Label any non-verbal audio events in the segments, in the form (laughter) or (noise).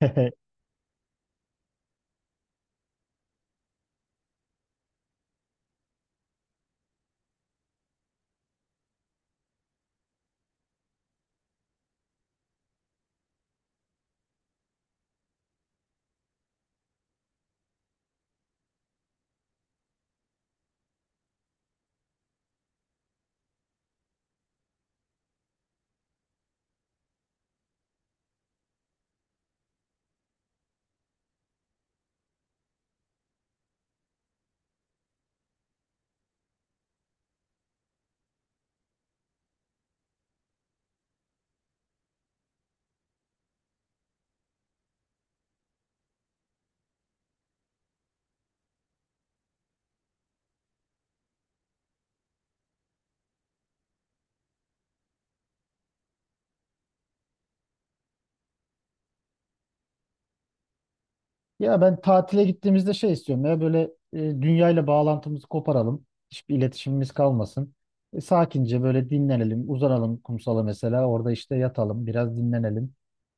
(laughs) Ya ben tatile gittiğimizde şey istiyorum ya böyle dünyayla bağlantımızı koparalım. Hiçbir iletişimimiz kalmasın. Sakince böyle dinlenelim, uzanalım kumsala mesela. Orada işte yatalım, biraz dinlenelim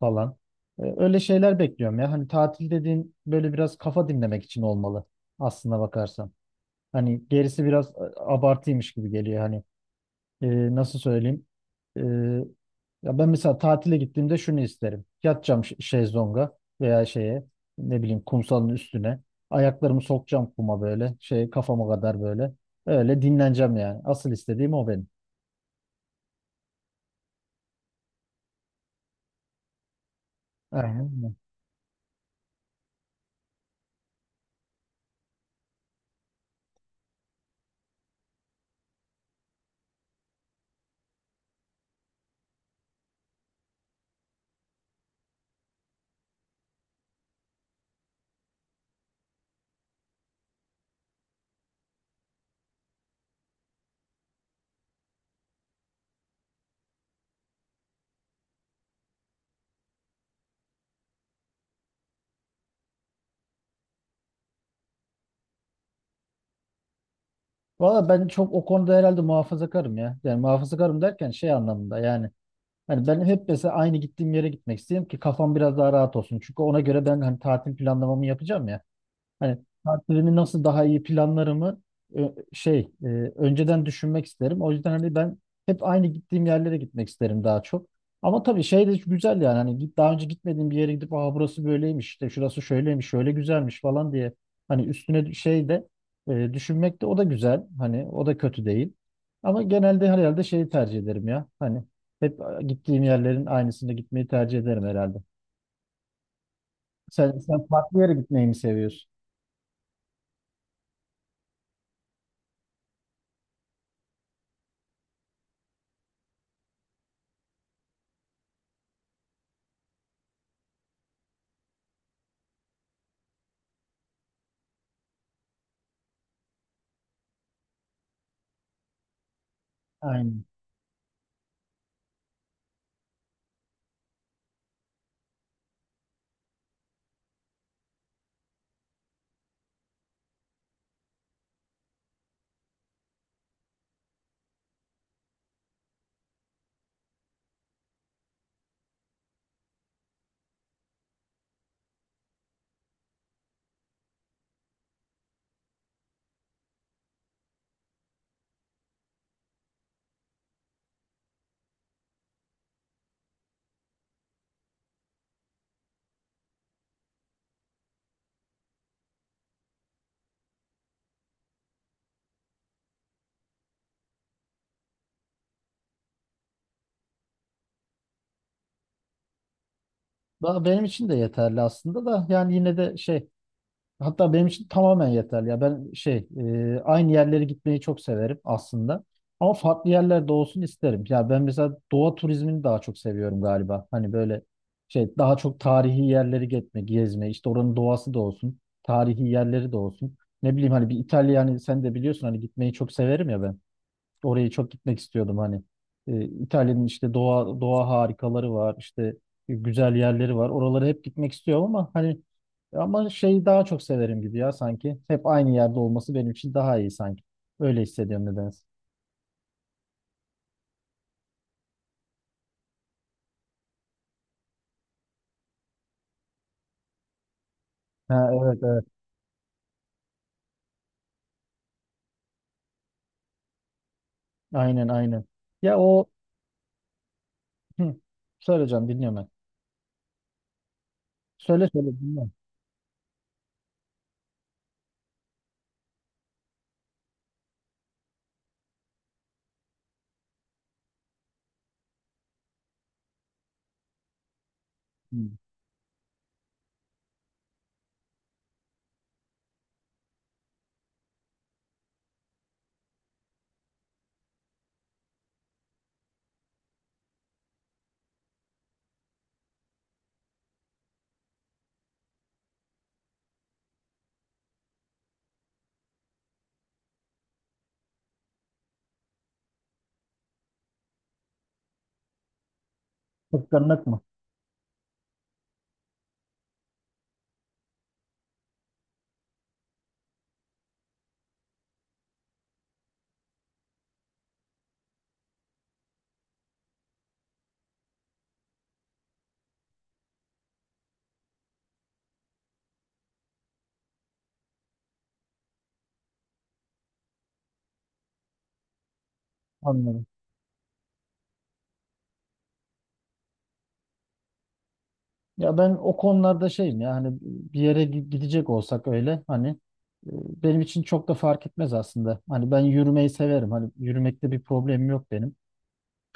falan. Öyle şeyler bekliyorum ya. Hani tatil dediğin böyle biraz kafa dinlemek için olmalı aslına bakarsan. Hani gerisi biraz abartıymış gibi geliyor hani. Nasıl söyleyeyim? E, Ya ben mesela tatile gittiğimde şunu isterim. Yatacağım şezlonga veya şeye ne bileyim kumsalın üstüne. Ayaklarımı sokacağım kuma böyle. Şey kafama kadar böyle. Öyle dinleneceğim yani. Asıl istediğim o benim. Aynen. Valla ben çok o konuda herhalde muhafazakarım ya. Yani muhafazakarım derken şey anlamında yani. Hani ben hep mesela aynı gittiğim yere gitmek istedim ki kafam biraz daha rahat olsun. Çünkü ona göre ben hani tatil planlamamı yapacağım ya. Hani tatilimi nasıl daha iyi planlarımı ö- şey e, önceden düşünmek isterim. O yüzden hani ben hep aynı gittiğim yerlere gitmek isterim daha çok. Ama tabii şey de güzel yani hani git daha önce gitmediğim bir yere gidip aa burası böyleymiş işte şurası şöyleymiş şöyle güzelmiş falan diye hani üstüne şey de düşünmek de o da güzel hani o da kötü değil. Ama genelde herhalde şeyi tercih ederim ya hani hep gittiğim yerlerin aynısında gitmeyi tercih ederim herhalde. Sen farklı yere gitmeyi mi seviyorsun? Aynen. Daha benim için de yeterli aslında da yani yine de şey hatta benim için tamamen yeterli ya ben aynı yerlere gitmeyi çok severim aslında ama farklı yerlerde olsun isterim ya ben mesela doğa turizmini daha çok seviyorum galiba hani böyle şey daha çok tarihi yerleri gitme gezme işte oranın doğası da olsun tarihi yerleri de olsun ne bileyim hani bir İtalya hani sen de biliyorsun hani gitmeyi çok severim ya ben. Oraya çok gitmek istiyordum hani. İtalya'nın işte doğa harikaları var, işte güzel yerleri var. Oralara hep gitmek istiyorum ama hani ama şeyi daha çok severim gibi ya sanki. Hep aynı yerde olması benim için daha iyi sanki. Öyle hissediyorum nedense. Ha, evet, evet. Aynen, aynen. Ya o, hı, söyleyeceğim, dinliyorum ben. Söyle söyle, dinliyorum. Hı. Kıskanmak mı? Anladım. Ya ben o konularda şeyim ya hani bir yere gidecek olsak öyle hani e, benim için çok da fark etmez aslında. Hani ben yürümeyi severim. Hani yürümekte bir problemim yok benim.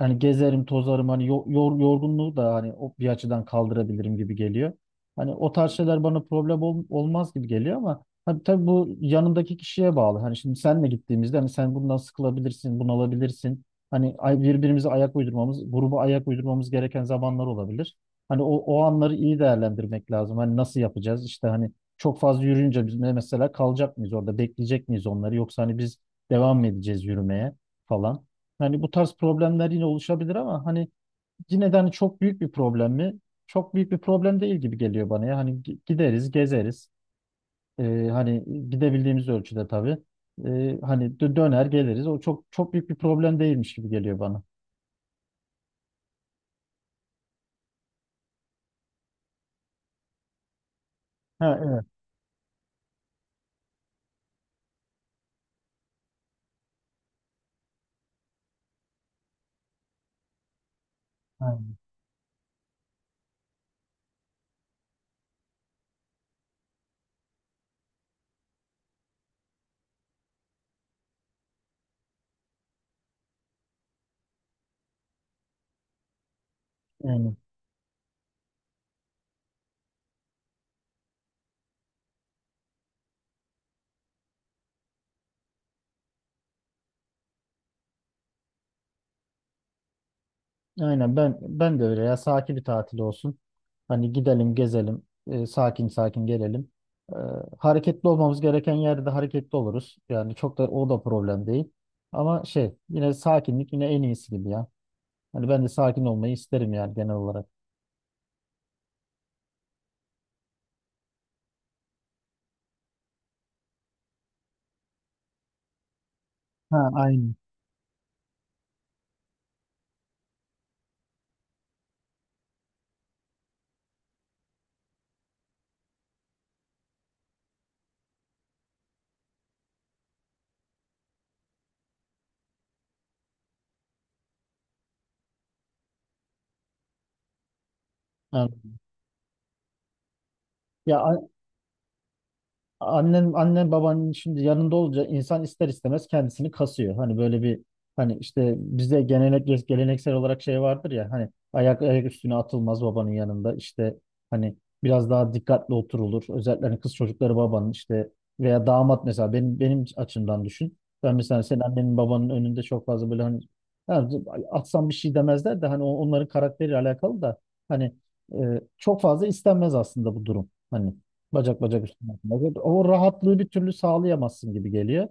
Yani gezerim, tozarım hani yorgunluğu da hani o bir açıdan kaldırabilirim gibi geliyor. Hani o tarz şeyler bana problem olmaz gibi geliyor ama hani tabii bu yanındaki kişiye bağlı. Hani şimdi senle gittiğimizde hani sen bundan sıkılabilirsin, bunalabilirsin. Hani birbirimize ayak uydurmamız, gruba ayak uydurmamız gereken zamanlar olabilir. Hani o anları iyi değerlendirmek lazım. Hani nasıl yapacağız? İşte hani çok fazla yürüyünce biz mesela kalacak mıyız orada, bekleyecek miyiz onları yoksa hani biz devam mı edeceğiz yürümeye falan. Yani bu tarz problemler yine oluşabilir ama hani yine de hani çok büyük bir problem mi? Çok büyük bir problem değil gibi geliyor bana ya. Hani gideriz, gezeriz. Hani gidebildiğimiz ölçüde tabii. Hani döner geliriz. O çok çok büyük bir problem değilmiş gibi geliyor bana. Ha, evet. Aynen. Aynen. Aynen, ben de öyle ya. Sakin bir tatil olsun. Hani gidelim, gezelim, sakin sakin gelelim. E, hareketli olmamız gereken yerde hareketli oluruz. Yani çok da o da problem değil. Ama şey, yine sakinlik yine en iyisi gibi ya. Hani ben de sakin olmayı isterim yani genel olarak. Ha, aynı. Yani, ya, annen babanın şimdi yanında olunca insan ister istemez kendisini kasıyor. Hani böyle bir, hani işte bizde gelenek, geleneksel olarak şey vardır ya hani ayak ayak üstüne atılmaz babanın yanında işte hani biraz daha dikkatli oturulur. Özellikle hani kız çocukları babanın işte veya damat mesela benim açımdan düşün. Ben mesela senin annenin babanın önünde çok fazla böyle hani yani atsam bir şey demezler de hani onların karakteriyle alakalı da hani çok fazla istenmez aslında bu durum. Hani bacak bacak üstüne. Bacak. O rahatlığı bir türlü sağlayamazsın gibi geliyor.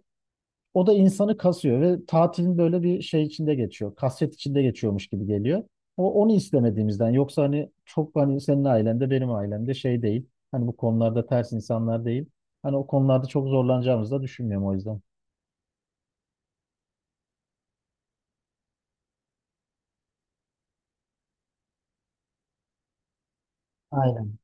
O da insanı kasıyor ve tatilin böyle bir şey içinde geçiyor. Kasvet içinde geçiyormuş gibi geliyor. O onu istemediğimizden yoksa hani çok hani senin ailende benim ailemde şey değil. Hani bu konularda ters insanlar değil. Hani o konularda çok zorlanacağımızı da düşünmüyorum o yüzden. Aynen.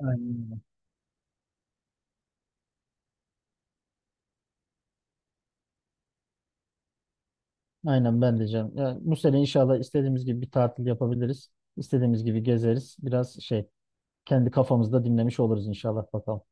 Aynen. Öyle. Aynen ben diyeceğim. Yani bu sene inşallah istediğimiz gibi bir tatil yapabiliriz. İstediğimiz gibi gezeriz. Biraz şey kendi kafamızda dinlemiş oluruz inşallah, bakalım.